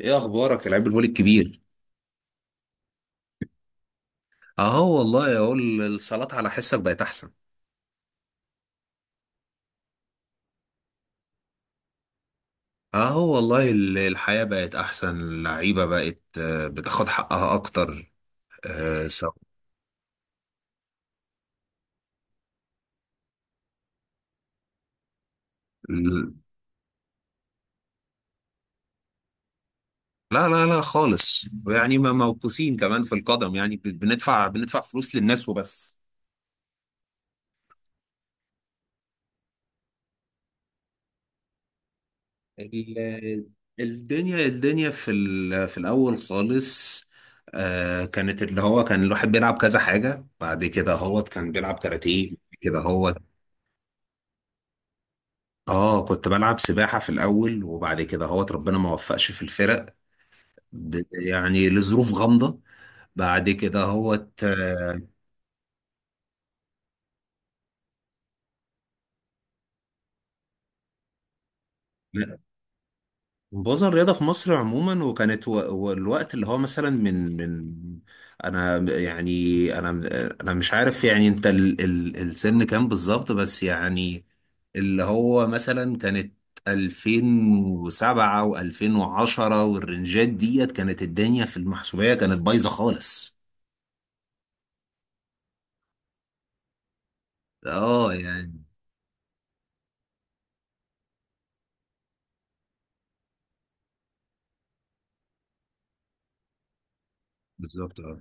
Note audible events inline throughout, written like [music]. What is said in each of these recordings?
ايه اخبارك يا لعيب الفولي الكبير؟ اهو والله اقول الصلاة على حسك بقت احسن. اهو والله الحياة بقت احسن، اللعيبة بقت بتاخد حقها اكتر. آه، سو... ال- لا لا لا خالص، يعني ما موقوسين كمان في القدم، يعني بندفع فلوس للناس وبس. ال- الدنيا في في الاول خالص، كانت اللي هو كان الواحد بيلعب كذا حاجة، بعد كده هو كان بيلعب كاراتيه كده هو. اه، كنت بلعب سباحة في الأول، وبعد كده هوت ربنا ما وفقش في الفرق، يعني لظروف غامضة. بعد كده هوت لا، بوظ الرياضة في مصر عموما، وكانت والوقت اللي هو مثلا من أنا أنا مش عارف، يعني أنت ال ال السن كام بالظبط؟ بس يعني اللي هو مثلا كانت 2007 و2010 والرنجات ديت، كانت الدنيا في المحسوبية كانت بايظة خالص. اه يعني، بالظبط اه.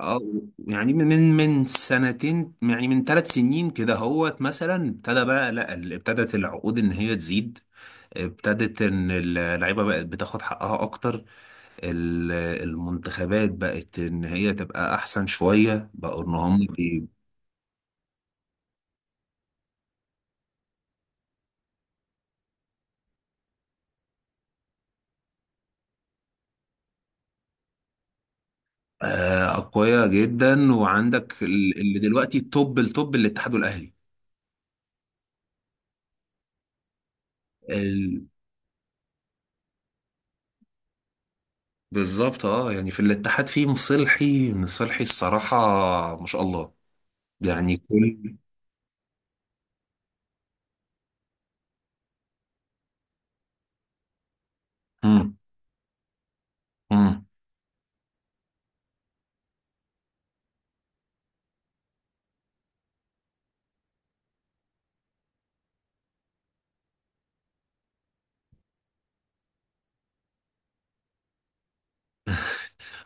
اه يعني من سنتين، يعني من 3 سنين كده هوت، مثلا ابتدى بقى لا ابتدت العقود ان هي تزيد، ابتدت ان اللعيبه بقت بتاخد حقها اكتر. ال- المنتخبات بقت ان هي تبقى احسن شويه، بقوا ان هم اقوياء جدا. وعندك اللي دلوقتي التوب الاتحاد والاهلي. ال- بالظبط اه، يعني في الاتحاد في مصلحي الصراحه، ما شاء الله، يعني كل. مم. مم.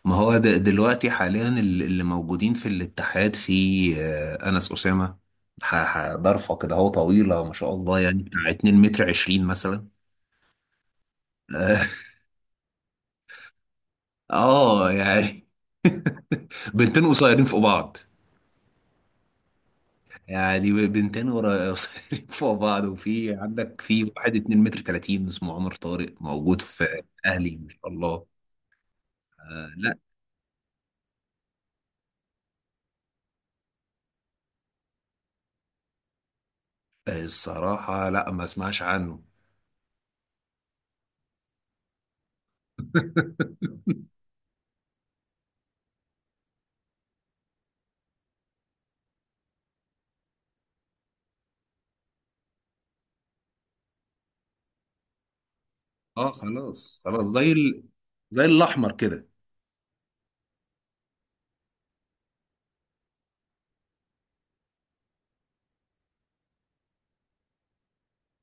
ما هو دلوقتي حاليا اللي موجودين في الاتحاد في أنس أسامة. ضرفة كده هو طويلة ما شاء الله، يعني بتاع 2 متر 20 مثلا. اه [laughs] يعني بنتين قصيرين فوق بعض، يعني بنتين قصيرين فوق بعض. وفي عندك في واحد 2 متر 30 اسمه عمر طارق موجود في أهلي، ما شاء الله. آه لا. الصراحة لا، ما اسمعش عنه. [laughs] اه خلاص خلاص، زي زي الاحمر كده.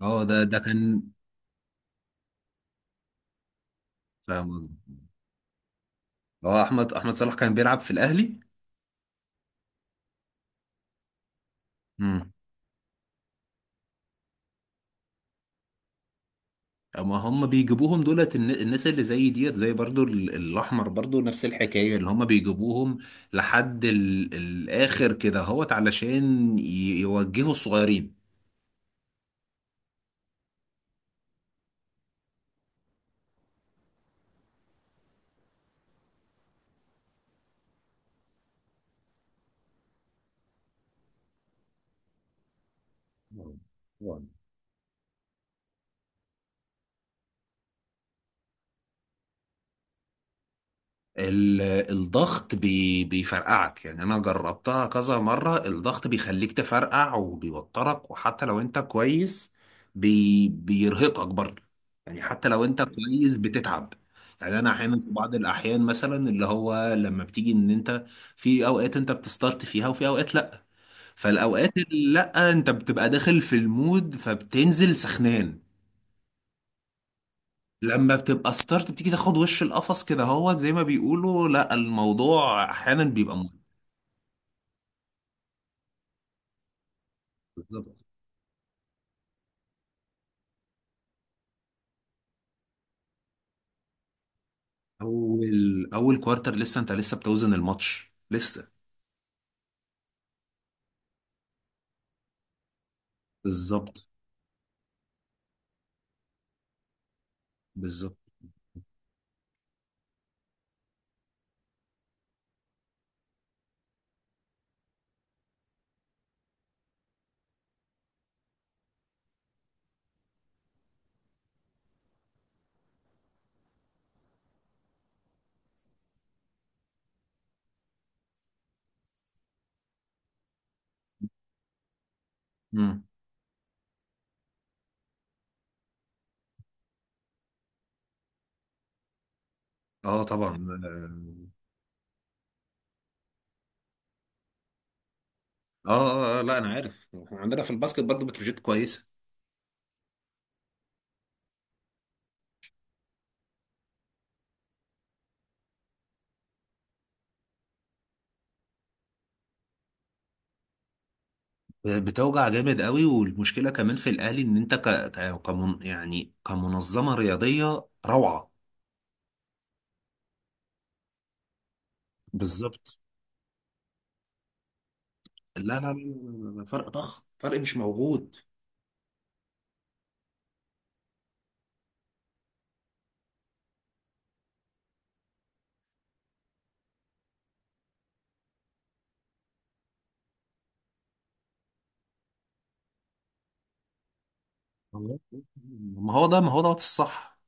اه ده كان، فاهم قصدي. اه احمد صلاح كان بيلعب في الاهلي. امم. اما هم بيجيبوهم دولت الناس اللي زي ديت، زي برضو الاحمر برضو نفس الحكايه، اللي هم بيجيبوهم لحد الاخر كده اهوت، علشان يوجهوا الصغيرين. ال- الضغط بيفرقعك، يعني انا جربتها كذا مرة. الضغط بيخليك تفرقع وبيوترك، وحتى لو انت كويس بيرهقك برضه، يعني حتى لو انت كويس بتتعب. يعني انا احيانا في بعض الاحيان مثلا اللي هو لما بتيجي ان انت في اوقات انت بتستارت فيها، وفي اوقات لا. فالاوقات اللي لا، انت بتبقى داخل في المود، فبتنزل سخنان. لما بتبقى ستارت، بتيجي تاخد وش القفص كده هو، زي ما بيقولوا، لا الموضوع احيانا بيبقى مهم. بالظبط، اول اول كوارتر لسه، انت لسه بتوزن الماتش لسه. بالظبط. بالظبط. امم. اه طبعا. آه، آه، اه لا، انا عارف، احنا عندنا في الباسكت برضه بتروجيت كويسه. بتوجع جامد قوي، والمشكله كمان في الاهلي ان انت يعني كمنظمه رياضيه روعه. بالظبط. لا لا لا لا، فرق ضخم، فرق مش موجود. والله. ما هو دوت الصح.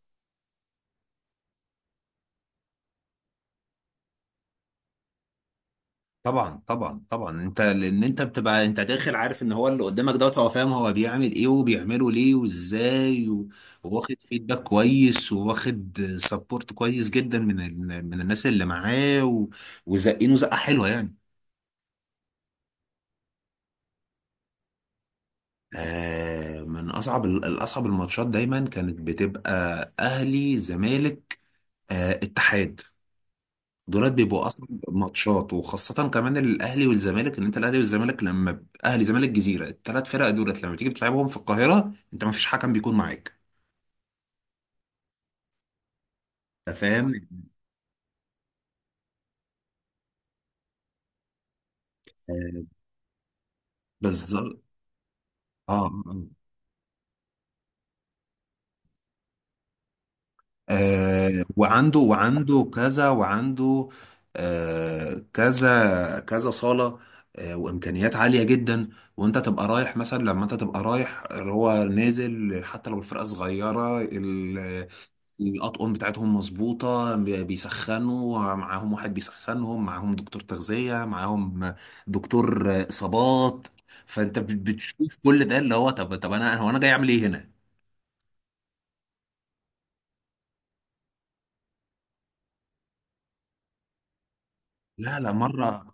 طبعا طبعا طبعا، انت لان انت بتبقى انت داخل عارف ان هو اللي قدامك دوت، هو فاهم هو بيعمل ايه وبيعمله ليه وازاي، وواخد فيدباك كويس، وواخد سبورت كويس جدا من من الناس اللي معاه، وزقينه زقه حلوه يعني. آه، من اصعب الاصعب الماتشات دايما كانت بتبقى اهلي زمالك، آه اتحاد. دولات بيبقوا اصلا ماتشات، وخاصه كمان الاهلي والزمالك، ان انت الاهلي والزمالك لما اهلي زمالك جزيره، الثلاث فرق دولت لما تيجي بتلعبهم في القاهره، انت ما فيش حكم بيكون معاك. أنت فاهم. آه، بالظبط اه. آه. وعنده وعنده كذا وعنده كذا كذا صالة، وإمكانيات عالية جدا. وأنت تبقى رايح مثلا، لما أنت تبقى رايح هو نازل، حتى لو الفرقة صغيرة الأطقم بتاعتهم مظبوطة، بيسخنوا معاهم واحد، بيسخنهم معاهم دكتور تغذية معاهم، دكتور إصابات. فأنت بتشوف كل ده، اللي هو طب طب، أنا هو أنا جاي أعمل إيه هنا؟ لا لا، مرة.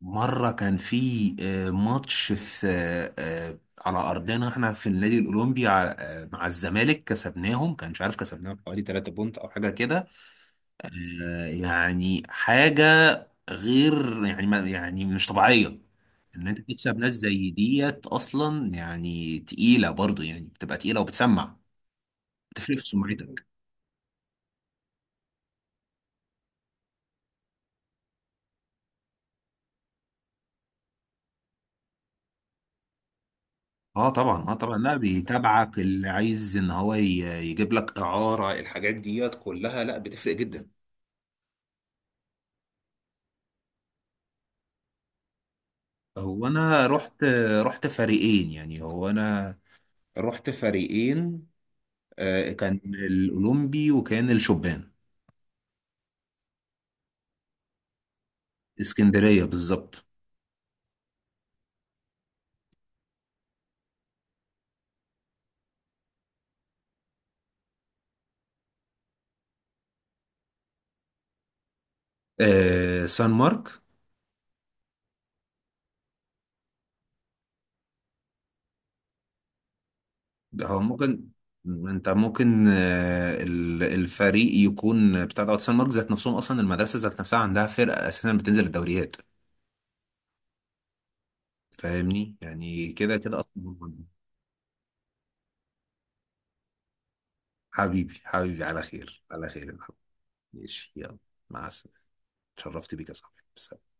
مرة كان في ماتش في على أرضنا احنا في النادي الأولمبي، مع الزمالك كسبناهم، كان مش عارف كسبناهم حوالي 3 بونت أو حاجة كده. يعني حاجة غير، يعني ما يعني مش طبيعية، إن أنت تكسب ناس زي ديت، أصلا يعني تقيلة برضو، يعني بتبقى تقيلة وبتسمع، بتفرق في سمعتك. اه طبعا، اه طبعا، لا بيتابعك اللي عايز ان هو يجيب لك اعاره، الحاجات ديت كلها لا بتفرق جدا. هو انا رحت فريقين، يعني هو انا رحت فريقين، كان الاولمبي وكان الشبان. اسكندريه بالظبط. سان مارك. ده هو ممكن، انت ممكن الفريق يكون بتاع دوت سان مارك ذات نفسهم، اصلا المدرسه ذات نفسها عندها فرقه اساسا بتنزل الدوريات. فاهمني، يعني كده كده اصلا. حبيبي حبيبي، على خير على خير يا محمد. ماشي يلا، مع السلامه، اتشرفت بيك يا صاحبي.